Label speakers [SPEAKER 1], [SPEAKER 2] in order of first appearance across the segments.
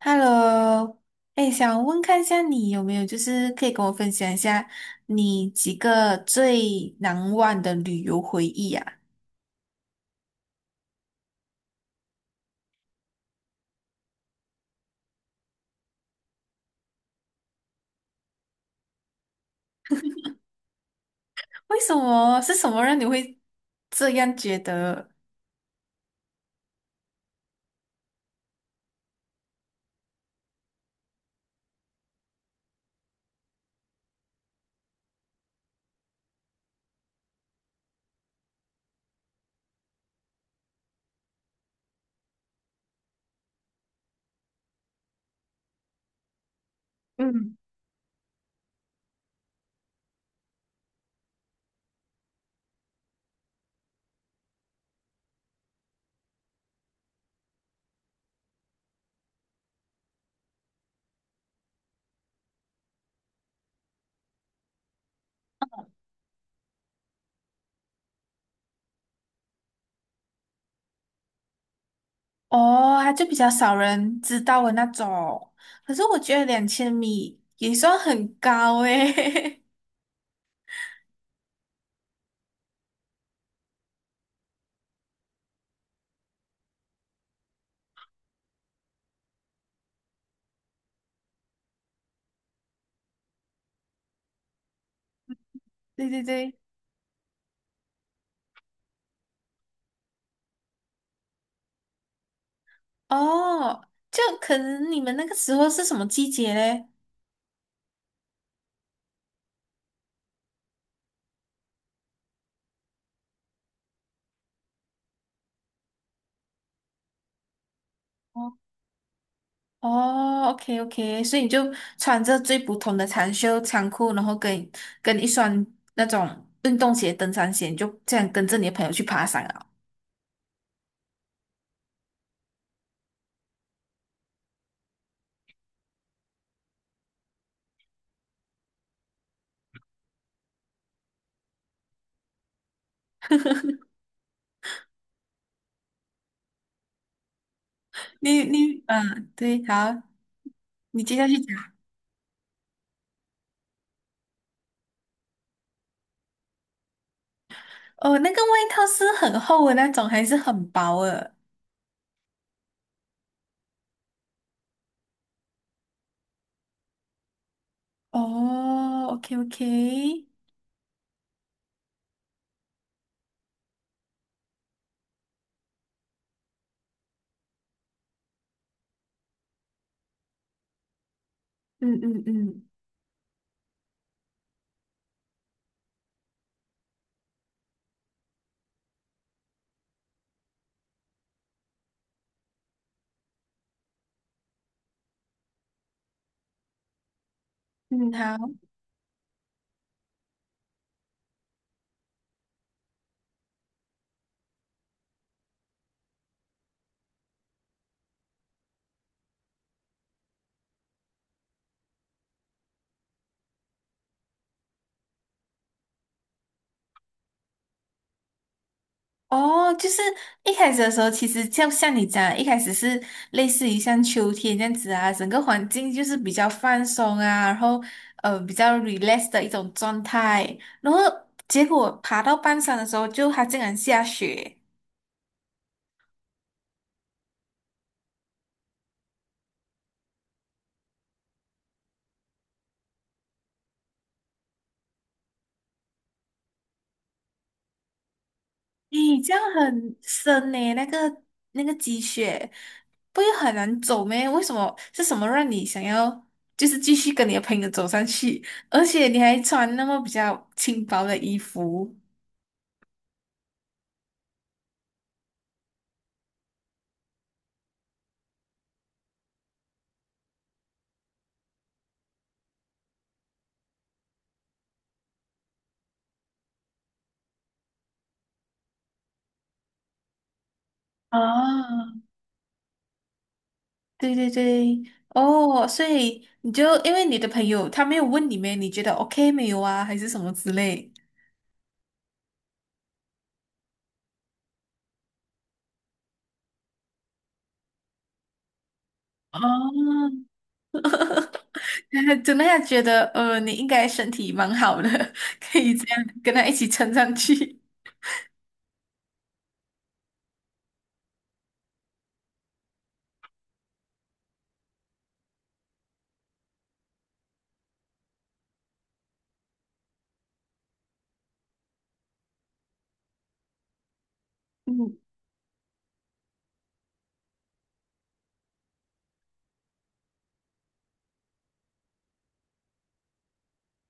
[SPEAKER 1] Hello，哎，想问看一下你有没有，就是可以跟我分享一下你几个最难忘的旅游回忆啊？为什么？是什么让你会这样觉得？嗯，哦，它就比较少人知道的那种。可是我觉得2000米也算很高诶。对对对，哦，就可能你们那个时候是什么季节嘞？哦。哦，OK OK，所以你就穿着最普通的长袖长裤，然后跟一双那种运动鞋、登山鞋，你就这样跟着你的朋友去爬山啊。你嗯，对，好，你接下去讲。哦，那个外套是很厚的那种，还是很薄的？哦，OK OK，嗯嗯嗯嗯，好。哦，就是一开始的时候，其实就像你讲的一开始是类似于像秋天这样子啊，整个环境就是比较放松啊，然后比较 relax 的一种状态，然后结果爬到半山的时候就，它竟然下雪，咦，这样很深呢，那个那个积雪，不会很难走咩？为什么是什么让你想要就是继续跟你的朋友走上去，而且你还穿那么比较轻薄的衣服？啊，对对对，哦，所以你就因为你的朋友他没有问你们，你觉得 OK 没有啊，还是什么之类，哦，真的要觉得你应该身体蛮好的，可以这样跟他一起撑上去。嗯，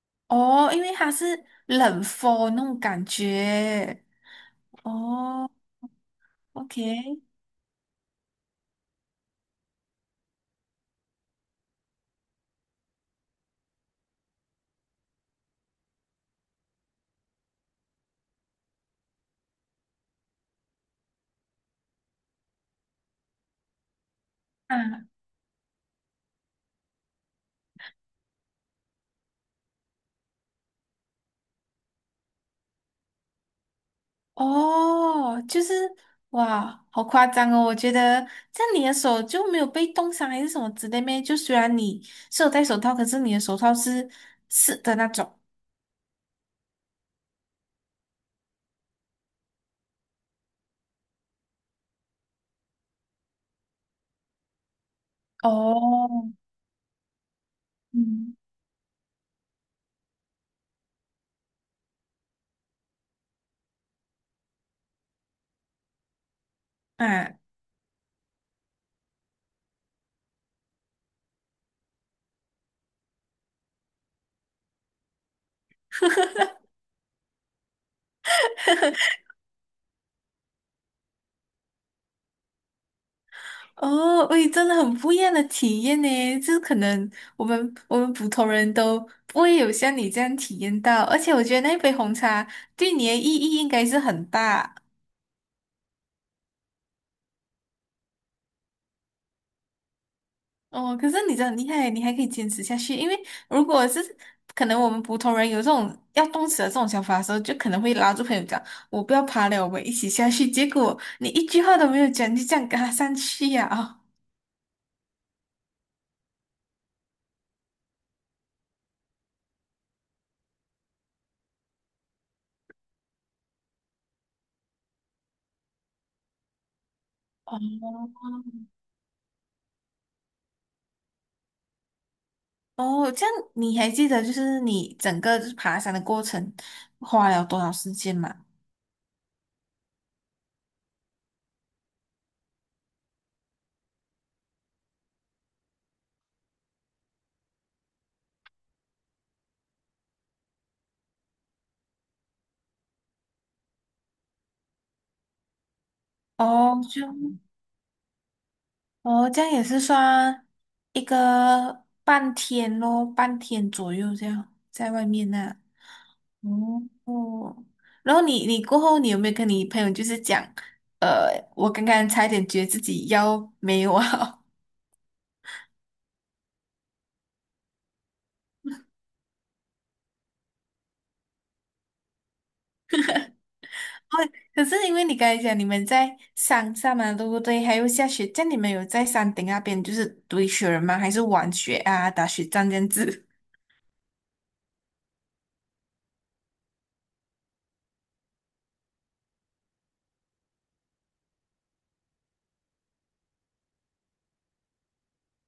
[SPEAKER 1] 哦，因为他是冷风那种感觉。哦，OK，啊。哦，就是哇，好夸张哦！我觉得这样你的手就没有被冻伤还是什么之类咩？就虽然你是有戴手套，可是你的手套是湿的那种。哦，嗯，啊，哦，喂，真的很不一样的体验呢，就是可能我们普通人都不会有像你这样体验到，而且我觉得那杯红茶对你的意义应该是很大。哦，可是你真的很厉害，你还可以坚持下去。因为如果是可能我们普通人有这种要动词的这种想法的时候，就可能会拉住朋友讲：“我不要爬了，我们一起下去。”结果你一句话都没有讲，你就这样跟他上去呀、啊哦，哦，这样你还记得就是你整个就是爬山的过程花了多少时间吗？哦，就哦，这样也是算一个半天咯，半天左右这样在外面那。哦哦，然后你过后，你有没有跟你朋友就是讲，呃，我刚刚差一点觉得自己腰没有啊？哦，可是因为你刚才讲你们在山上嘛，对不对？还有下雪，这样你们有在山顶那边就是堆雪人吗？还是玩雪啊、打雪仗这样子？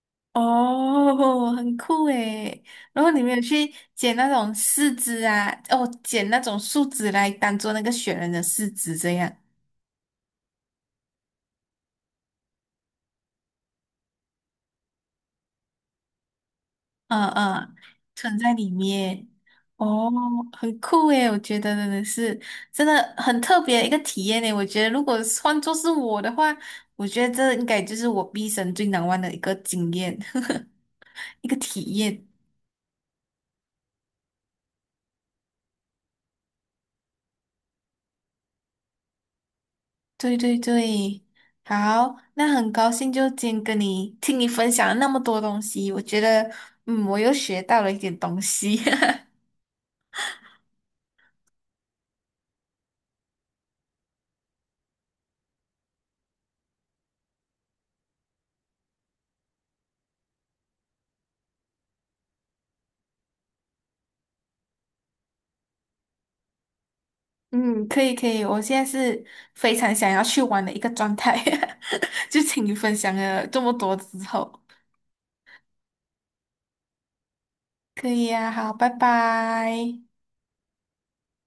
[SPEAKER 1] 哦，很酷诶。然后你们有去捡那种柿子啊，哦，捡那种树枝来当做那个雪人的柿子这样。嗯嗯，存在里面，哦，很酷诶，我觉得真的是真的很特别的一个体验诶。我觉得如果是换做是我的话，我觉得这应该就是我毕生最难忘的一个经验，一个体验。对对对，好，那很高兴就今天跟你听你分享了那么多东西，我觉得嗯，我又学到了一点东西。嗯，可以可以，我现在是非常想要去玩的一个状态，就请你分享了这么多之后，可以呀、好，拜拜。